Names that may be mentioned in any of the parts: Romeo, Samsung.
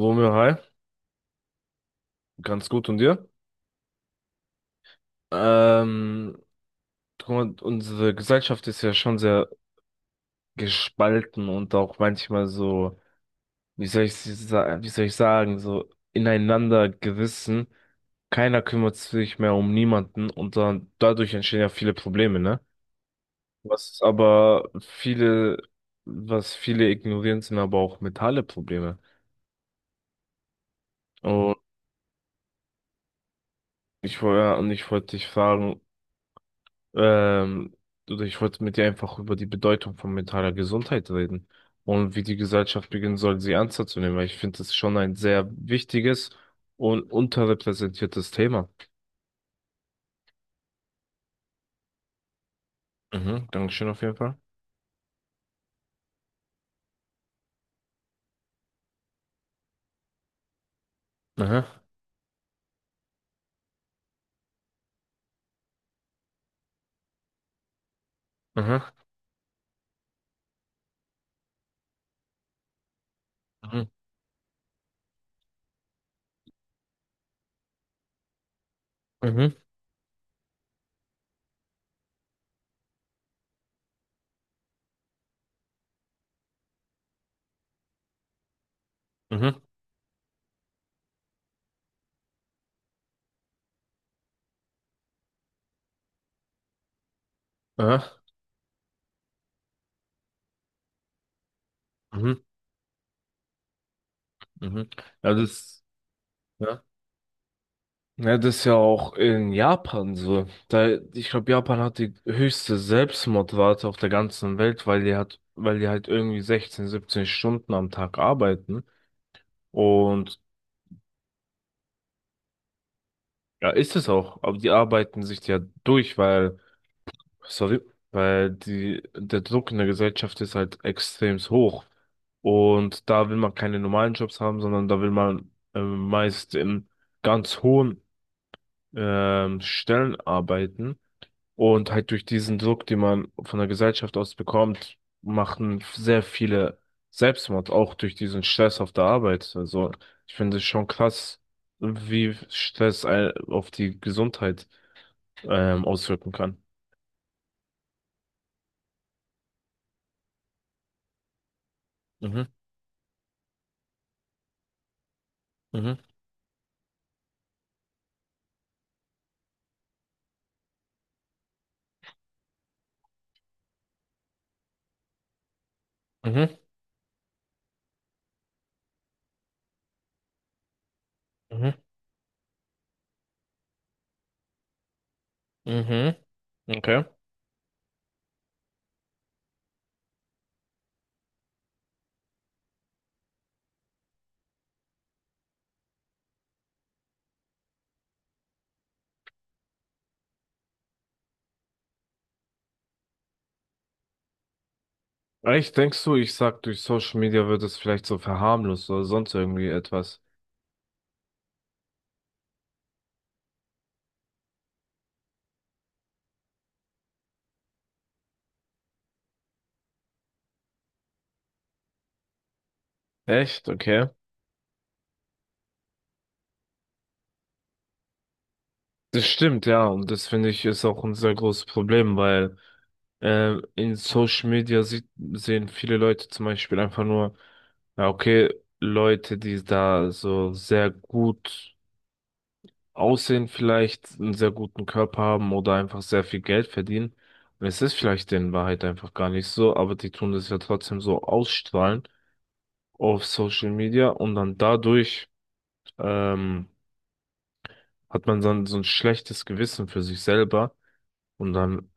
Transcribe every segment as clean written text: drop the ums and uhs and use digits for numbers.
Romeo, hi, ganz gut und dir? Ähm, guck mal, unsere Gesellschaft ist ja schon sehr gespalten und auch manchmal so, wie soll ich sagen, so ineinander gerissen. Keiner kümmert sich mehr um niemanden und dann dadurch entstehen ja viele Probleme, ne? Was aber viele, was viele ignorieren, sind aber auch mentale Probleme. Und und ich wollte dich fragen, Ähm, oder ich wollte mit dir einfach über die Bedeutung von mentaler Gesundheit reden und wie die Gesellschaft beginnen soll, sie ernster zu nehmen, weil ich finde, das ist schon ein sehr wichtiges und unterrepräsentiertes Thema. Mhm, Dankeschön auf jeden Fall. Aha, aha, mhm, mhm, mhm, aha, mhm, mhm. Ja, das, ja. Ja, das ist ja auch in Japan so. Da, ich glaube, Japan hat die höchste Selbstmordrate auf der ganzen Welt, weil die halt irgendwie 16, 17 Stunden am Tag arbeiten. Und ja, ist es auch. Aber die arbeiten sich ja durch, weil, sorry, der Druck in der Gesellschaft ist halt extrem hoch. Und da will man keine normalen Jobs haben, sondern da will man meist in ganz hohen Stellen arbeiten. Und halt durch diesen Druck, den man von der Gesellschaft aus bekommt, machen sehr viele Selbstmord, auch durch diesen Stress auf der Arbeit. Also ich finde es schon krass, auf die Gesundheit auswirken kann. Mhm, mhm, mhm, mhm, mhm, okay. Echt, denkst du, ich sag, durch Social Media wird es vielleicht so verharmlost oder sonst irgendwie etwas? Echt, okay. Das stimmt, ja, und das finde ich ist auch ein sehr großes Problem, weil in Social Media sehen viele Leute zum Beispiel einfach nur, ja, okay, Leute, die da so sehr gut aussehen vielleicht, einen sehr guten Körper haben oder einfach sehr viel Geld verdienen. Und es ist vielleicht in Wahrheit einfach gar nicht so, aber die tun das ja trotzdem so ausstrahlen auf Social Media und dann dadurch ähm, hat man dann so ein schlechtes Gewissen für sich selber und dann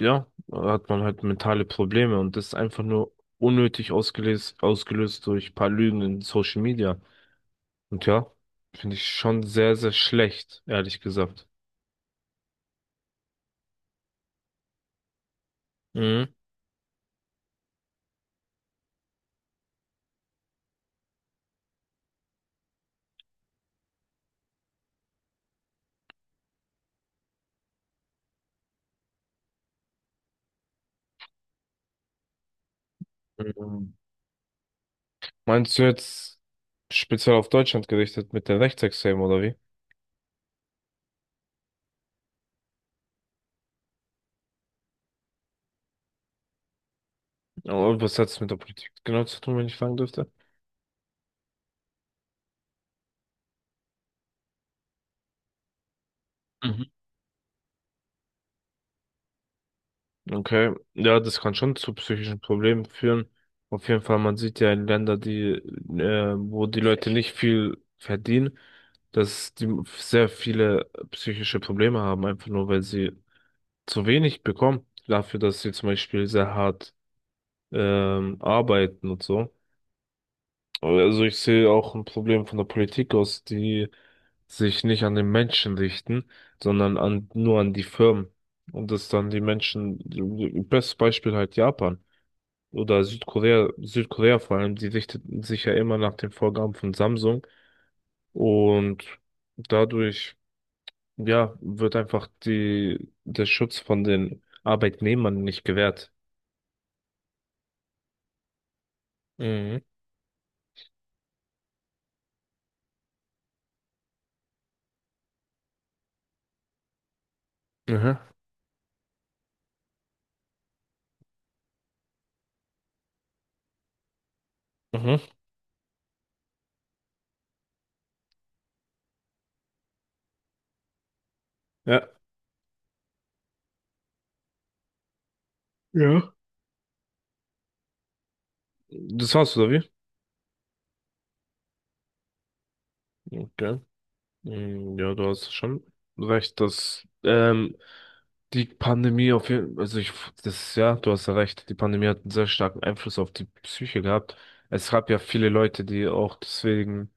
ja, hat man halt mentale Probleme und das ist einfach nur ausgelöst durch ein paar Lügen in Social Media. Und ja, finde ich schon sehr, sehr schlecht, ehrlich gesagt. Mhm. Mhm. Meinst du jetzt speziell auf Deutschland gerichtet mit den Rechtsextremen oder wie? Aber was hat es mit der Politik genau zu tun, wenn ich fragen dürfte? Mhm. Okay, ja, das kann schon zu psychischen Problemen führen. Auf jeden Fall, man sieht ja in Länder, wo die Leute nicht viel verdienen, dass die sehr viele psychische Probleme haben, einfach nur weil sie zu wenig bekommen, dafür, dass sie zum Beispiel sehr hart, arbeiten und so. Aber also ich sehe auch ein Problem von der Politik aus, die sich nicht an den Menschen richten, sondern nur an die Firmen. Und das dann die Menschen, bestes Beispiel halt Japan oder Südkorea, Südkorea vor allem, die richteten sich ja immer nach den Vorgaben von Samsung und dadurch, ja, wird einfach der Schutz von den Arbeitnehmern nicht gewährt. Mhm. Mhm. Mhm. Ja. Ja. Das war's, oder wie? Okay. Mm, ja, du hast schon recht, dass die Pandemie auf jeden ja, du hast ja recht, die Pandemie hat einen sehr starken Einfluss auf die Psyche gehabt. Es gab ja viele Leute, die auch deswegen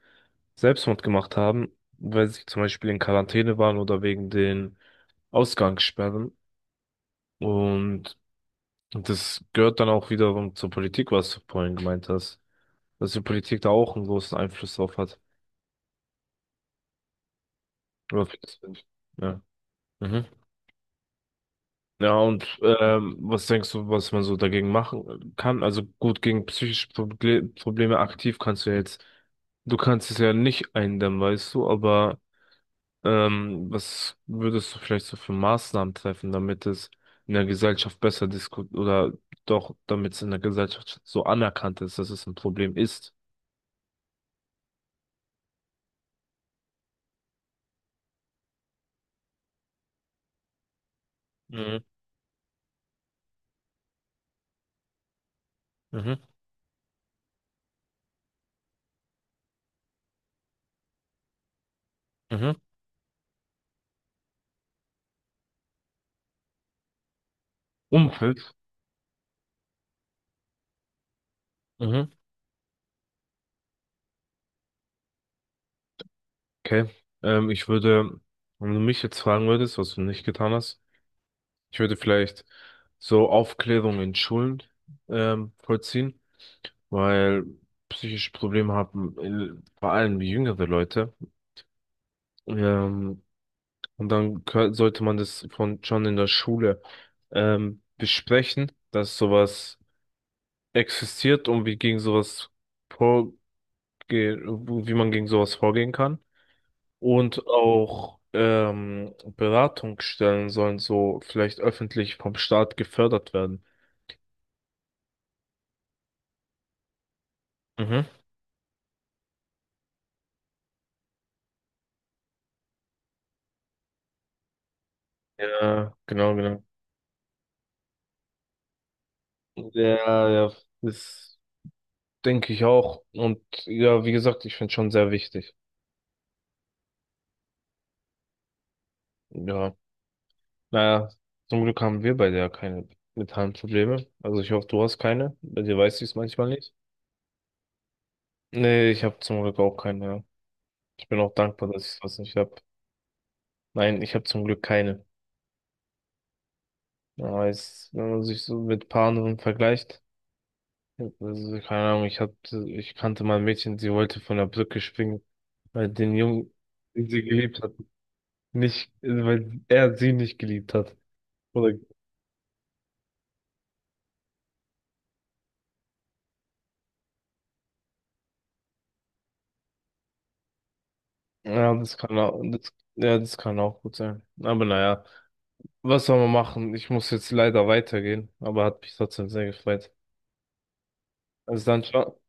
Selbstmord gemacht haben, weil sie zum Beispiel in Quarantäne waren oder wegen den Ausgangssperren. Und das gehört dann auch wiederum zur Politik, was du vorhin gemeint hast, dass die Politik da auch einen großen Einfluss drauf hat. Oder, findest du nicht? Ja. Mhm. Ja, und was denkst du, was man so dagegen machen kann? Also gut, gegen psychische Proble Probleme aktiv kannst du ja jetzt, du kannst es ja nicht eindämmen, weißt du, aber was würdest du vielleicht so für Maßnahmen treffen, damit es in der Gesellschaft besser diskutiert oder damit es in der Gesellschaft so anerkannt ist, dass es ein Problem ist? Mhm. Mhm. Mhm. Umfeld. Mhm. Okay. Ähm, ich würde, wenn du mich jetzt fragen würdest, was du nicht getan hast, ich würde vielleicht so Aufklärung in Schulen vollziehen, weil psychische Probleme haben vor allem jüngere Leute. Ähm, und dann sollte man das von schon in der Schule besprechen, dass sowas existiert und vorge wie man gegen sowas vorgehen kann. Und auch Beratungsstellen sollen so vielleicht öffentlich vom Staat gefördert werden. Mhm. Ja, genau, genau. Ja, ja, das denke ich auch. Und ja, wie gesagt, ich finde es schon sehr wichtig. Ja, naja, zum Glück haben wir beide ja keine mentalen Probleme. Also ich hoffe, du hast keine. Bei dir weiß ich es manchmal nicht. Nee, ich habe zum Glück auch keine. Ja. Ich bin auch dankbar, dass ich was nicht habe. Nein, ich habe zum Glück keine. Ja, es, wenn man sich so mit ein paar anderen vergleicht, also, keine Ahnung, ich kannte mal ein Mädchen, sie wollte von der Brücke springen, weil den Jungen, den sie geliebt hat. Nicht, weil er sie nicht geliebt hat. Oder, ja, das kann auch, das, ja, das kann auch gut sein. Aber naja, was soll man machen? Ich muss jetzt leider weitergehen, aber hat mich trotzdem sehr gefreut. Also dann, ciao.